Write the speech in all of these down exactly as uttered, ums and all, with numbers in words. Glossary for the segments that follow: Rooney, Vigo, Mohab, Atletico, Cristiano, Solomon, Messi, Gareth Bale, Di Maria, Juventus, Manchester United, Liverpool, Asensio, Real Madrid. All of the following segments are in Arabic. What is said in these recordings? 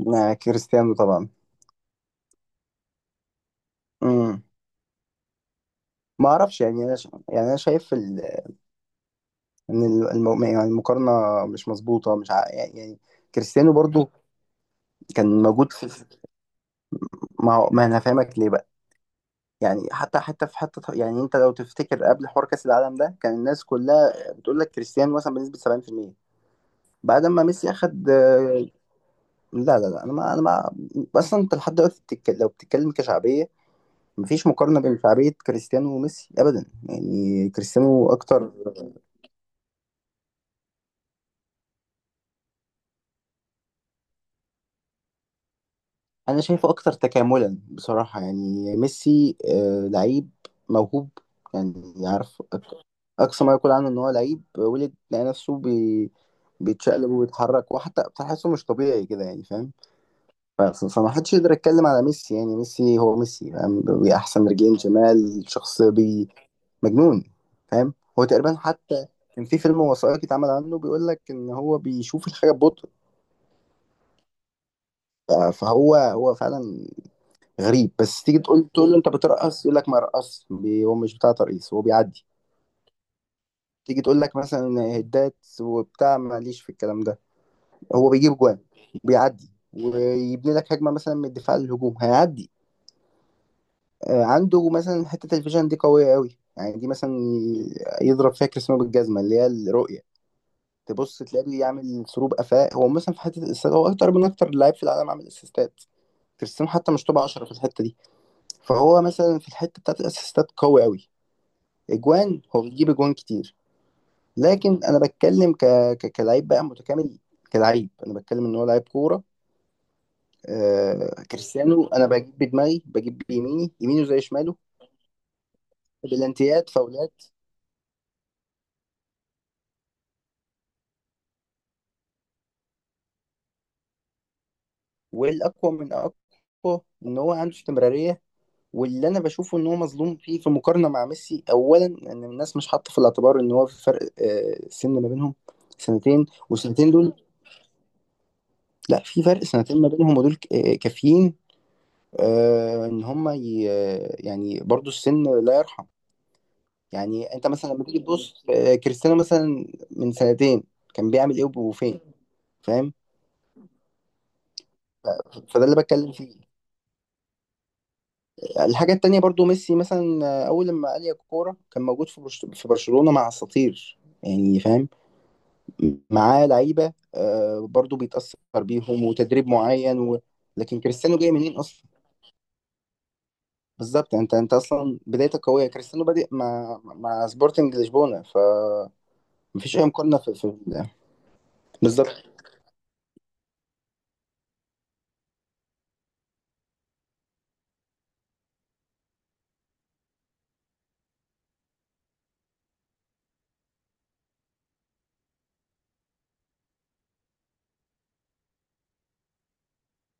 مع كريستيانو طبعا. امم ما اعرفش، يعني انا ش... يعني انا شايف ال... ان ال- الم... يعني المقارنه مش مظبوطه، مش ع... يعني. كريستيانو برضو كان موجود في في- ما هو- ما انا فاهمك ليه بقى. يعني حتى حتى في حته، يعني انت لو تفتكر قبل حوار كاس العالم ده كان الناس كلها بتقول لك كريستيانو مثلا بنسبه سبعين في المية. بعد ما ميسي اخد آه، لا لا لا انا ما انا ما. اصلا انت لحد دلوقتي بتتك... لو بتتكلم كشعبيه، مفيش مقارنه بين شعبيه كريستيانو وميسي ابدا، يعني كريستيانو اكتر. انا شايفه اكتر تكاملا بصراحه، يعني ميسي آه، لعيب موهوب، يعني يعرف أك- اقصى ما يقول عنه ان هو لعيب ولد لقى نفسه بي... بيتشقلب وبيتحرك وحتى بتحسه مش طبيعي كده، يعني فاهم. ف- فما حدش يقدر يتكلم على ميسي، يعني ميسي هو ميسي، فاهم، بأحسن رجلين شمال، شخص بي مجنون، فاهم. هو تقريبا حتى كان في فيلم وثائقي اتعمل عنه، بيقول لك ان هو بيشوف الحاجه ببطء. ف- فهو هو فعلا غريب، بس تيجي تقول تقول له انت بترقص، يقول لك ما رقص. هو مش بتاع ترقيص، هو بيعدي. تيجي تقول لك مثلا هدات وبتاع، ماليش في الكلام ده. هو بيجيب جوان، بيعدي ويبني لك هجمه مثلا من الدفاع للهجوم هيعدي. آه، عنده مثلا حته الفيجن دي قويه قوي، يعني دي مثلا ي- يضرب فيها كريستيانو بالجزمه، اللي هي الرؤيه. تبص تلاقيه بيعمل سروب قفاء. هو مثلا في حته الاسيستات هو اكتر من اكتر لاعب في العالم عامل اسيستات، كريستيانو حتى مش توب عشرة في الحته دي. فهو مثلا في الحته بتاعت الاسيستات قوي قوي. اجوان، هو بيجيب اجوان كتير. لكن انا بتكلم ك... ك... كلاعب بقى متكامل، كلاعب. انا بتكلم ان هو لاعب كوره. آه... كريستيانو انا بجيب بدماغي، بجيب بيميني، يمينه زي شماله، بلانتيات، فاولات. والاقوى من اقوى ان هو عنده استمراريه. واللي انا بشوفه ان هو مظلوم فيه في مقارنه مع ميسي. اولا ان الناس مش حاطه في الاعتبار ان هو في فرق آه... سن ما بينهم، سنتين، والسنتين دول. لا في فرق سنتين ما بينهم، ودول ك- آه، كافيين. آه، ان هم ي... يعني برضو السن لا يرحم. يعني انت مثلا لما تيجي تبص آه، كريستيانو مثلا من سنتين كان بيعمل ايه وفين، فاهم. فده اللي بتكلم فيه. الحاجة التانية برضو ميسي مثلا آه، أول لما قال يا كورة كان موجود في برش- في برشلونة مع أساطير، يعني فاهم، معاه لعيبة آه، برضو بيتأثر بيهم، وتدريب معين و... لكن كريستيانو جاي منين أصلا؟ بالظبط. انت انت اصلا بدايتك قويه، كريستيانو بادئ مع مع سبورتنج لشبونه. ف مفيش اي مقارنه في, في بالظبط.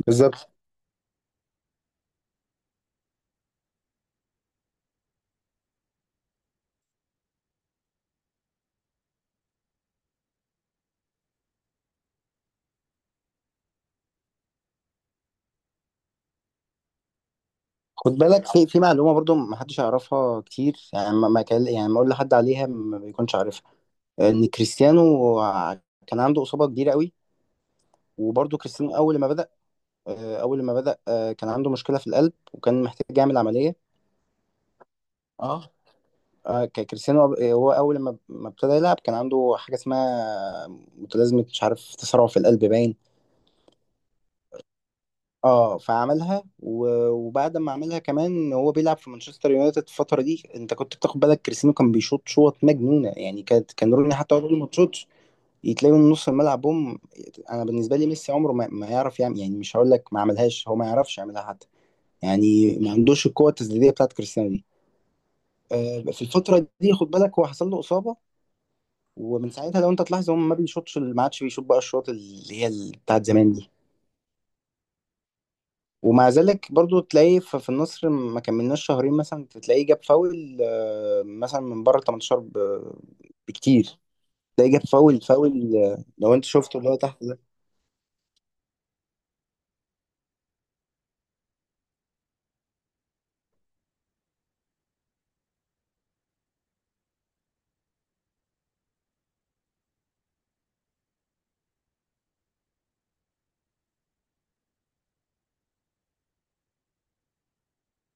بالظبط، خد بالك في في معلومه برضو ما حدش يعرفها كتير، يعني ما ما كان يعني ما اقول لحد عليها ما بيكونش عارفها، ان كريستيانو ع- كان عنده اصابه كبيره قوي. وبرضو كريستيانو اول ما بدا آه، اول ما بدا آه، كان عنده مشكله في القلب وكان محتاج يعمل عمليه. اه آه، ك- كريستيانو آه، هو اول ما ما ابتدى يلعب كان عنده حاجه اسمها متلازمه مش عارف تسرع في القلب باين. اه فعملها و- وبعد ما عملها كمان هو بيلعب في مانشستر يونايتد. الفتره دي انت كنت بتاخد بالك كريستيانو كان بيشوط شوط مجنونه، يعني كانت كان روني حتى هو بيقول ما تشوطش، يتلاقي من نص الملعب بوم. انا بالنسبه لي ميسي عمره ما, ما يعرف يعمل. يعني مش هقول لك ما عملهاش، هو ما يعرفش يعملها حتى. يعني ما عندوش القوه التسديديه بتاعت كريستيانو دي. آه في الفتره دي خد بالك هو حصل له اصابه، ومن ساعتها لو انت تلاحظ هو ما بيشوطش، ما عادش بيشوط بقى الشوط اللي هي ال- بتاعت زمان دي. ومع ذلك برضو تلاقي ف- في النصر ما كملناش شهرين مثلا، تلاقيه جاب فاول آه، مثلا من بره تمنتاشر ب- بكتير. تلاقيه جاب فاول فاول آه، لو انت شفته اللي هو تحت ده.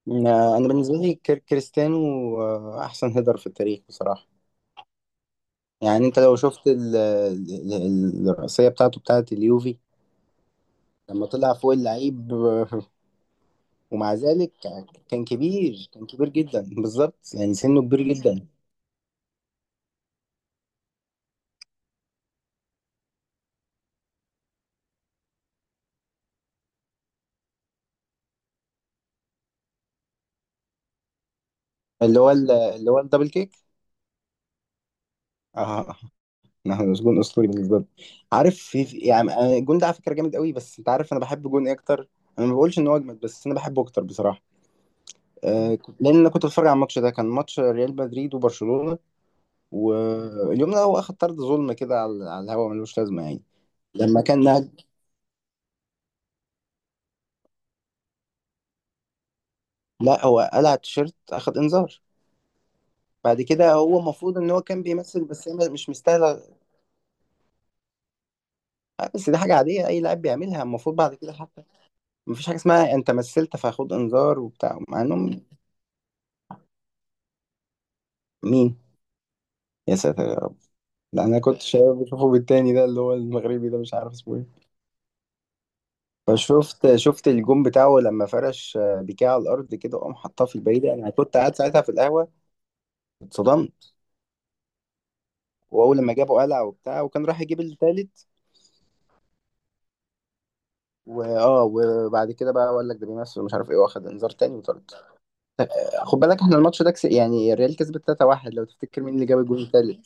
آه، انا بالنسبه لي كر- كريستيانو آه، احسن هيدر في التاريخ بصراحه. يعني انت لو شفت ال- ال- ال- الرأسية بتاعته بتاعت اليوفي لما طلع فوق اللعيب. آه، ومع ذلك كان كبير، كان كبير جدا بالظبط، يعني سنه كبير جدا. اللي هو ال- اللي هو الدبل كيك. اه نحمد، بس جون اسطوري بالنسبه لي. عارف في في- يعني أنا- الجون ده على فكره جامد قوي، بس انت عارف انا بحب جون إيه اكتر. انا ما بقولش ان هو اجمد، بس انا بحبه اكتر بصراحه. آه كنت- لان انا كنت بتفرج على الماتش ده، كان ماتش ريال مدريد وبرشلونه. واليوم ده هو اخد طرد ظلم كده على على الهوا، ملوش لازمه يعني. لما كان نهج... لا، هو قلع التيشيرت اخد انذار، بعد كده هو المفروض ان هو كان بيمثل، بس هي مش مستاهله. آه، بس دي حاجه عاديه اي لاعب بيعملها المفروض بعد كده حتى. مفيش حاجه اسمها انت مثلت فهاخد انذار وبتاع، مع انهم. مين؟ يا ساتر. لا انا كنت شايف بشوفه بالتاني ده اللي هو المغربي ده مش عارف اسمه ايه. فشفت شفت الجون بتاعه لما فرش آه، بيكيه على الارض كده، وقام حطها في البعيده. انا كنت قاعد ساعتها في القهوه، اتصدمت. واول لما جابه قلع وبتاع، وكان راح يجيب التالت. واه وبعد كده بقى قال لك ده بيمثل مش عارف ايه، واخد انذار تاني وطرد. خد بالك احنا الماتش ده كس... يعني الريال كسبت تلاته واحد. لو تفتكر مين اللي جاب الجون التالت؟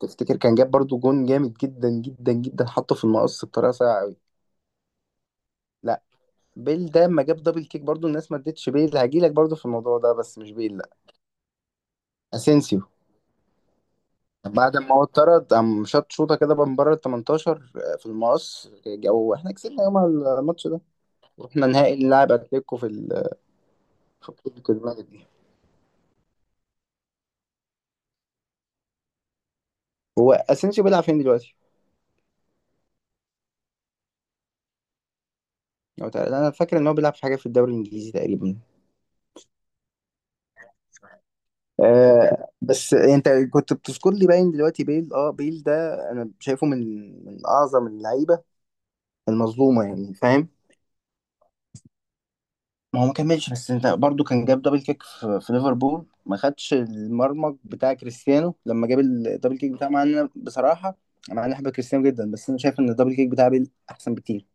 تفتكر كان جاب برضو جون جامد جدا جدا جدا، حطه في المقص بطريقه سيئه قوي. لا بيل ده لما جاب دبل كيك برضو الناس ما ادتش بيل، هجيلك برضو في الموضوع ده، بس مش بيل لا. اسينسيو. بعد ما هو اتطرد قام شاط شوطه كده بقى من بره ال تمنتاشر في المقص جو، احنا كسبنا يومها الماتش ده. واحنا نهائي نلعب اتلتيكو في ال- في بطوله الملك دي. هو اسينسيو بيلعب فين دلوقتي؟ لو تع- انا فاكر ان هو بيلعب في حاجه في الدوري الانجليزي تقريبا. آه بس انت كنت بتذكر لي، باين دلوقتي بيل. اه بيل ده انا شايفه من من اعظم اللعيبه المظلومه، يعني فاهم. ما هو ما كملش، بس انت برضو كان جاب دبل كيك في, في ليفربول، ما خدش المرمج بتاع كريستيانو لما جاب الدبل كيك بتاعه، مع ان انا بصراحه انا انا بحب كريستيانو جدا، بس انا شايف ان الدبل كيك بتاع بيل احسن بكتير.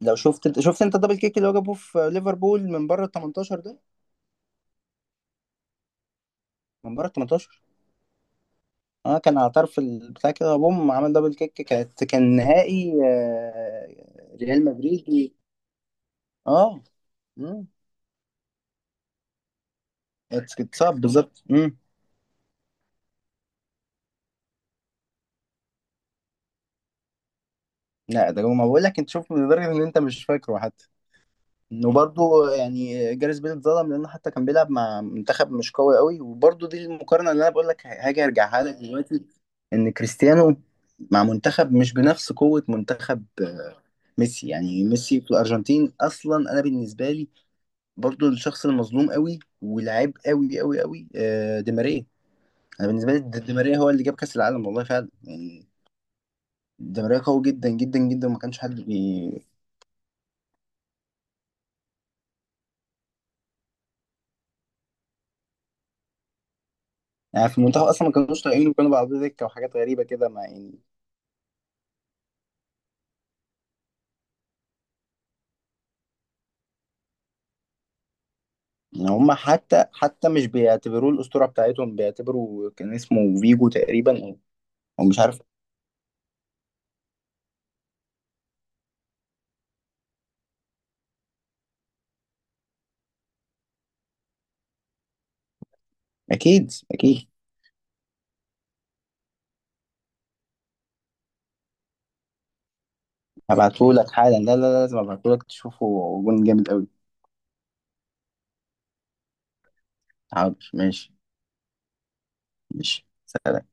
لو شفت شفت انت الدبل كيك اللي هو جابه في ليفربول من بره ال تمنتاشر ده، من بره ال تمنتاشر اه كان على طرف البتاع كده بوم عمل دبل كيك. كانت كان نهائي آه، ريال مدريد و- اه. مم. اتصاب بالظبط. مم. لا ده هو- ما بقول لك انت شوف لدرجه ان انت مش فاكره حتى. وبرضه يعني جاريث بيل اتظلم لانه حتى كان بيلعب مع منتخب مش قوي قوي. وبرضه دي المقارنه اللي انا بقول لك هاجي ارجعها لك دلوقتي، ان كريستيانو مع منتخب مش بنفس قوه منتخب آه، ميسي. يعني ميسي في الارجنتين اصلا انا بالنسبه لي برضه الشخص المظلوم قوي، واللعيب قوي قوي قوي آه، دي ماريا. انا بالنسبه لي دي ماريا هو اللي جاب كاس العالم والله فعلا يعني. دي ماريا قوي جدا جدا جدا، وما كانش حد بي... يعني في المنتخب اصلا ما كانوش طايقينه، وكانوا بعض دكه وحاجات غريبه كده، ما يعني ان هم حتى حتى مش بيعتبروه الاسطوره بتاعتهم، بيعتبروا كان اسمه فيجو تقريبا، او أو مش عارف. اكيد اكيد. هبعته لك حالا، لا لا لا، لازم ابعته لك تشوفه، جون جامد قوي. حاضر ماشي. ماشي سلام.